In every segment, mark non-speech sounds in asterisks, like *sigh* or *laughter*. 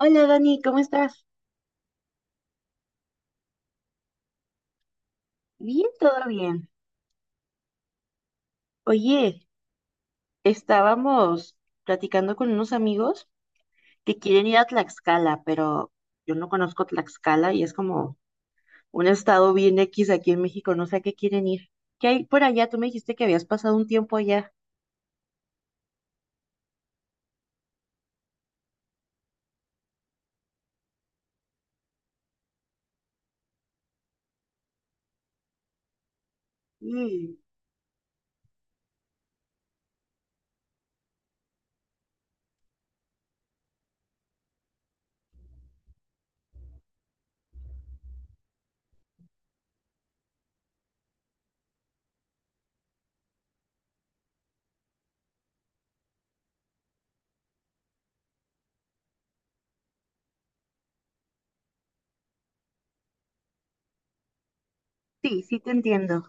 Hola Dani, ¿cómo estás? Bien, todo bien. Oye, estábamos platicando con unos amigos que quieren ir a Tlaxcala, pero yo no conozco Tlaxcala y es como un estado bien X aquí en México, no sé a qué quieren ir. ¿Qué hay por allá? Tú me dijiste que habías pasado un tiempo allá. Mm, sí, sí te entiendo.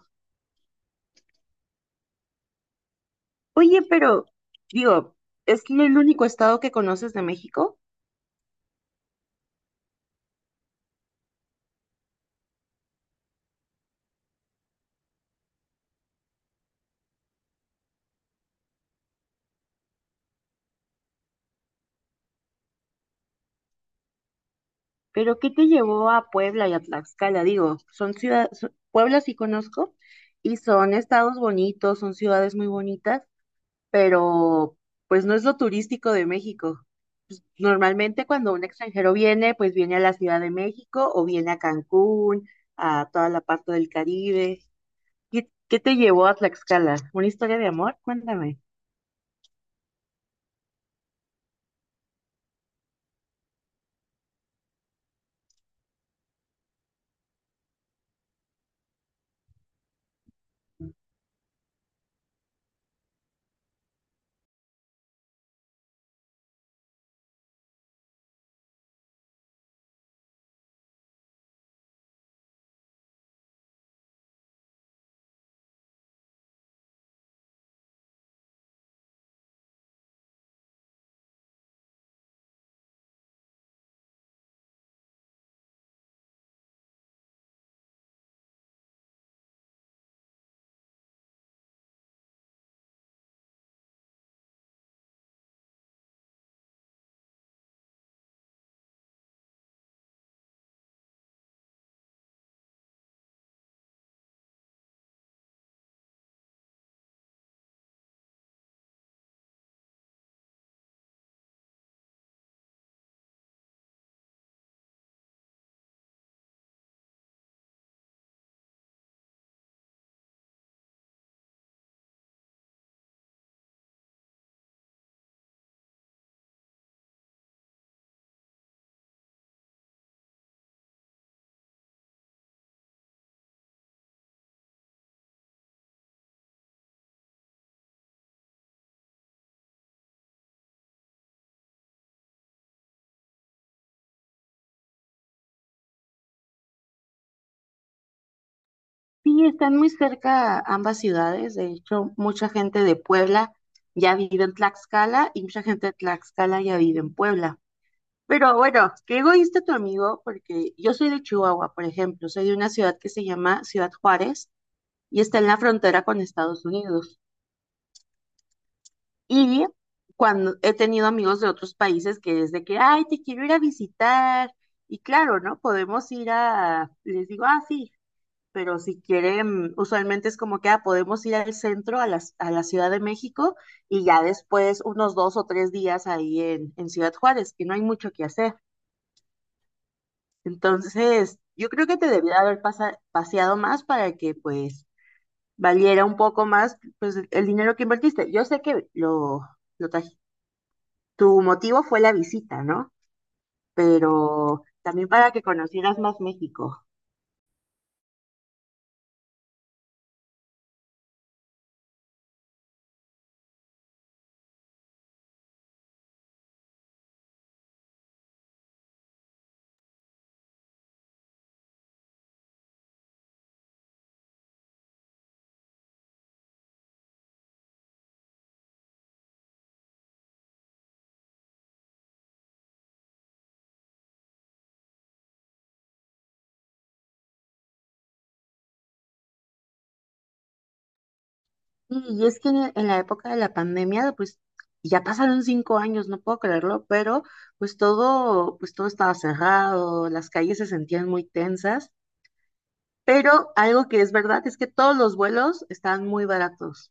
Oye, pero digo, ¿es el único estado que conoces de México? Pero ¿qué te llevó a Puebla y a Tlaxcala? Digo, son ciudades, Puebla sí conozco y son estados bonitos, son ciudades muy bonitas, pero pues no es lo turístico de México. Pues, normalmente cuando un extranjero viene, pues viene a la Ciudad de México o viene a Cancún, a toda la parte del Caribe. ¿Qué te llevó a Tlaxcala? ¿Una historia de amor? Cuéntame. Sí, están muy cerca ambas ciudades. De hecho, mucha gente de Puebla ya vive en Tlaxcala y mucha gente de Tlaxcala ya vive en Puebla. Pero bueno, qué egoísta tu amigo, porque yo soy de Chihuahua, por ejemplo. Soy de una ciudad que se llama Ciudad Juárez y está en la frontera con Estados Unidos. Y cuando he tenido amigos de otros países que desde que, ay, te quiero ir a visitar. Y claro, ¿no? Podemos ir a, les digo, ah, sí, pero si quieren, usualmente es como que ah, podemos ir al centro, a la, Ciudad de México, y ya después unos dos o tres días ahí en Ciudad Juárez, que no hay mucho que hacer. Entonces, yo creo que te debía haber paseado más para que pues valiera un poco más pues el dinero que invertiste. Yo sé que lo traj- tu motivo fue la visita, ¿no? Pero también para que conocieras más México. Y es que en la época de la pandemia, pues ya pasaron 5 años, no puedo creerlo, pero pues todo estaba cerrado, las calles se sentían muy tensas, pero algo que es verdad es que todos los vuelos estaban muy baratos.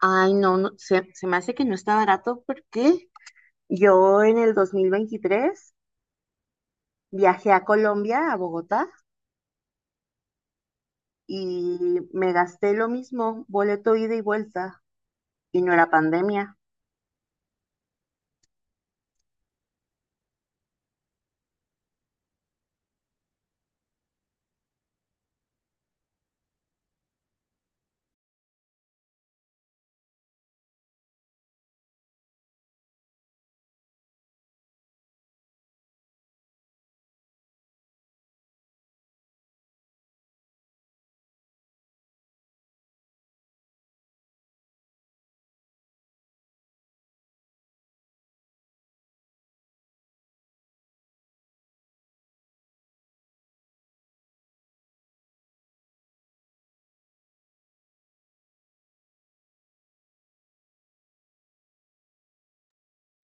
Ay, no, no, se me hace que no está barato porque yo en el 2023 viajé a Colombia, a Bogotá, y me gasté lo mismo, boleto ida y vuelta, y no era pandemia.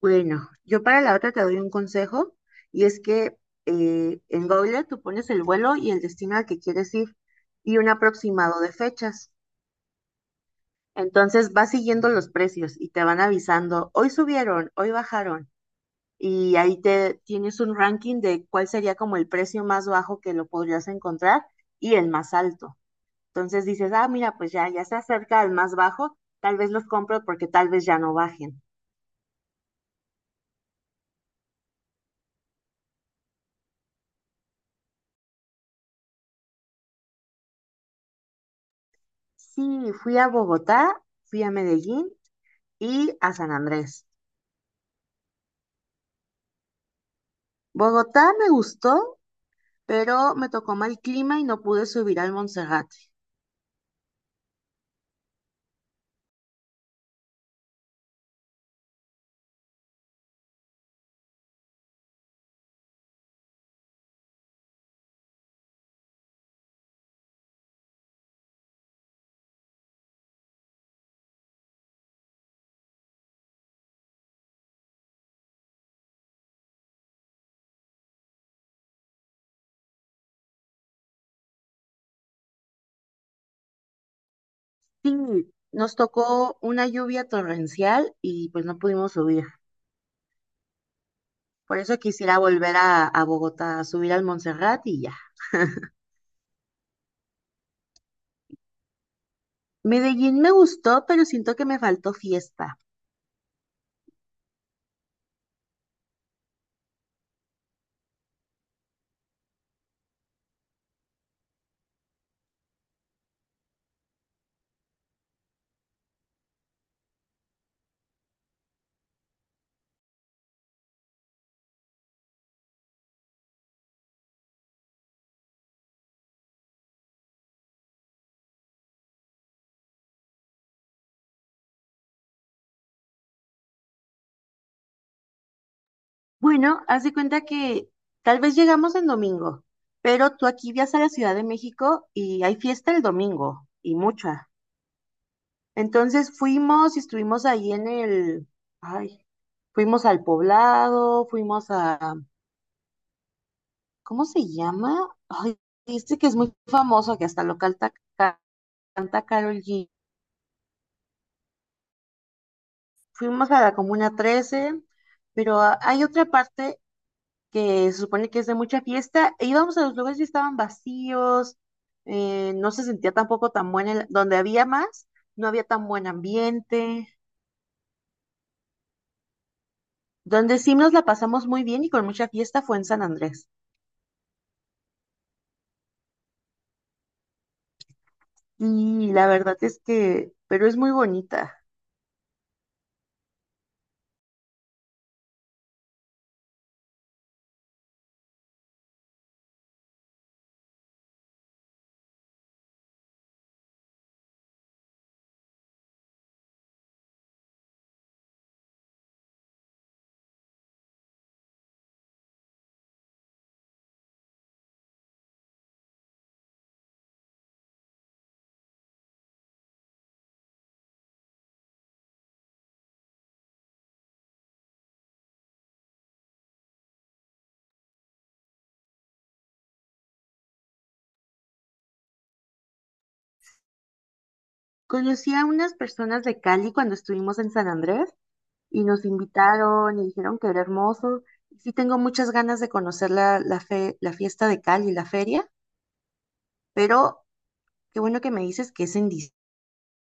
Bueno, yo para la otra te doy un consejo y es que en Google tú pones el vuelo y el destino al que quieres ir y un aproximado de fechas. Entonces vas siguiendo los precios y te van avisando, hoy subieron, hoy bajaron y ahí te tienes un ranking de cuál sería como el precio más bajo que lo podrías encontrar y el más alto. Entonces dices, ah, mira, pues ya se acerca el más bajo, tal vez los compro porque tal vez ya no bajen. Sí, fui a Bogotá, fui a Medellín y a San Andrés. Bogotá me gustó, pero me tocó mal clima y no pude subir al Monserrate. Sí, nos tocó una lluvia torrencial y pues no pudimos subir. Por eso quisiera volver a Bogotá, a subir al Monserrate y ya. Medellín me gustó, pero siento que me faltó fiesta. Bueno, haz de cuenta que tal vez llegamos en domingo, pero tú aquí viajas a la Ciudad de México y hay fiesta el domingo, y mucha. Entonces fuimos y estuvimos ahí en el, ay, fuimos al Poblado, fuimos a, ¿cómo se llama? Ay, este que es muy famoso, que hasta local canta Karol G. Fuimos a la Comuna 13, pero ah, hay otra parte que se supone que es de mucha fiesta, e íbamos a los lugares y estaban vacíos, no se sentía tampoco tan buena, el- donde había más, no había tan buen ambiente, donde sí nos la pasamos muy bien y con mucha fiesta fue en San Andrés. Y la verdad es que, pero es muy bonita. Conocí a unas personas de Cali cuando estuvimos en San Andrés y nos invitaron y dijeron que era hermoso. Sí tengo muchas ganas de conocer la, la, la fiesta de Cali, la feria, pero qué bueno que me dices que es en diciembre.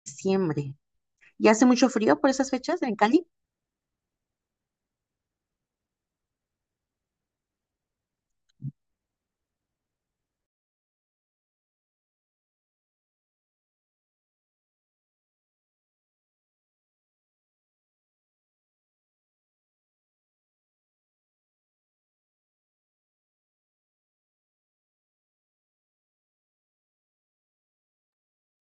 diciembre. ¿Ya hace mucho frío por esas fechas en Cali?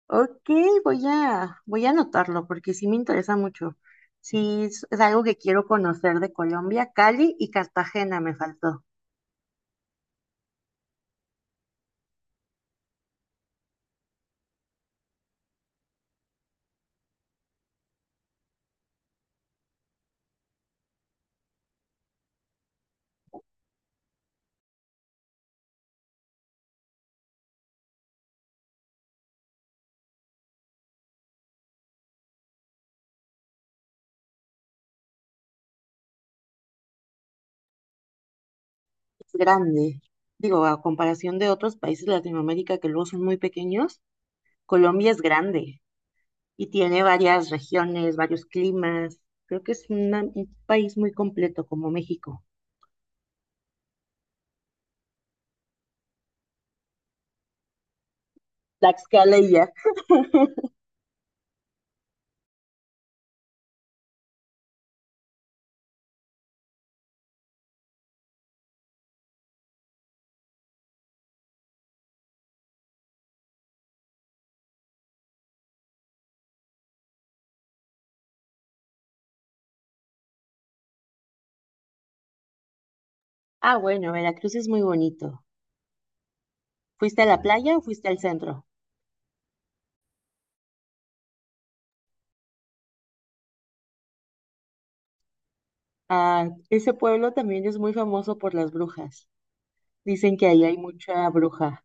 Ok, voy a, anotarlo porque sí me interesa mucho. Sí, es algo que quiero conocer de Colombia. Cali y Cartagena me faltó. Es grande. Digo, a comparación de otros países de Latinoamérica que luego son muy pequeños, Colombia es grande y tiene varias regiones, varios climas. Creo que es una- un país muy completo como México. Tlaxcala y ya. Ah, bueno, Veracruz es muy bonito. ¿Fuiste a la playa o fuiste al centro? Ah, ese pueblo también es muy famoso por las brujas. Dicen que ahí hay mucha bruja.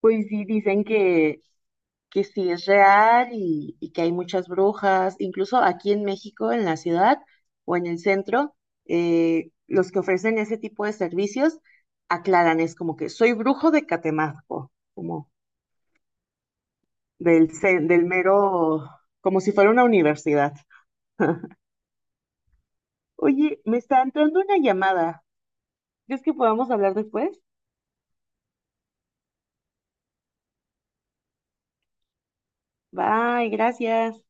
Pues sí, dicen que sí es real y que hay muchas brujas. Incluso aquí en México, en la ciudad o en el centro, los que ofrecen ese tipo de servicios aclaran, es como que soy brujo de Catemaco, como del mero, como si fuera una universidad. *laughs* Oye, me está entrando una llamada. ¿Crees que podamos hablar después? Bye, gracias.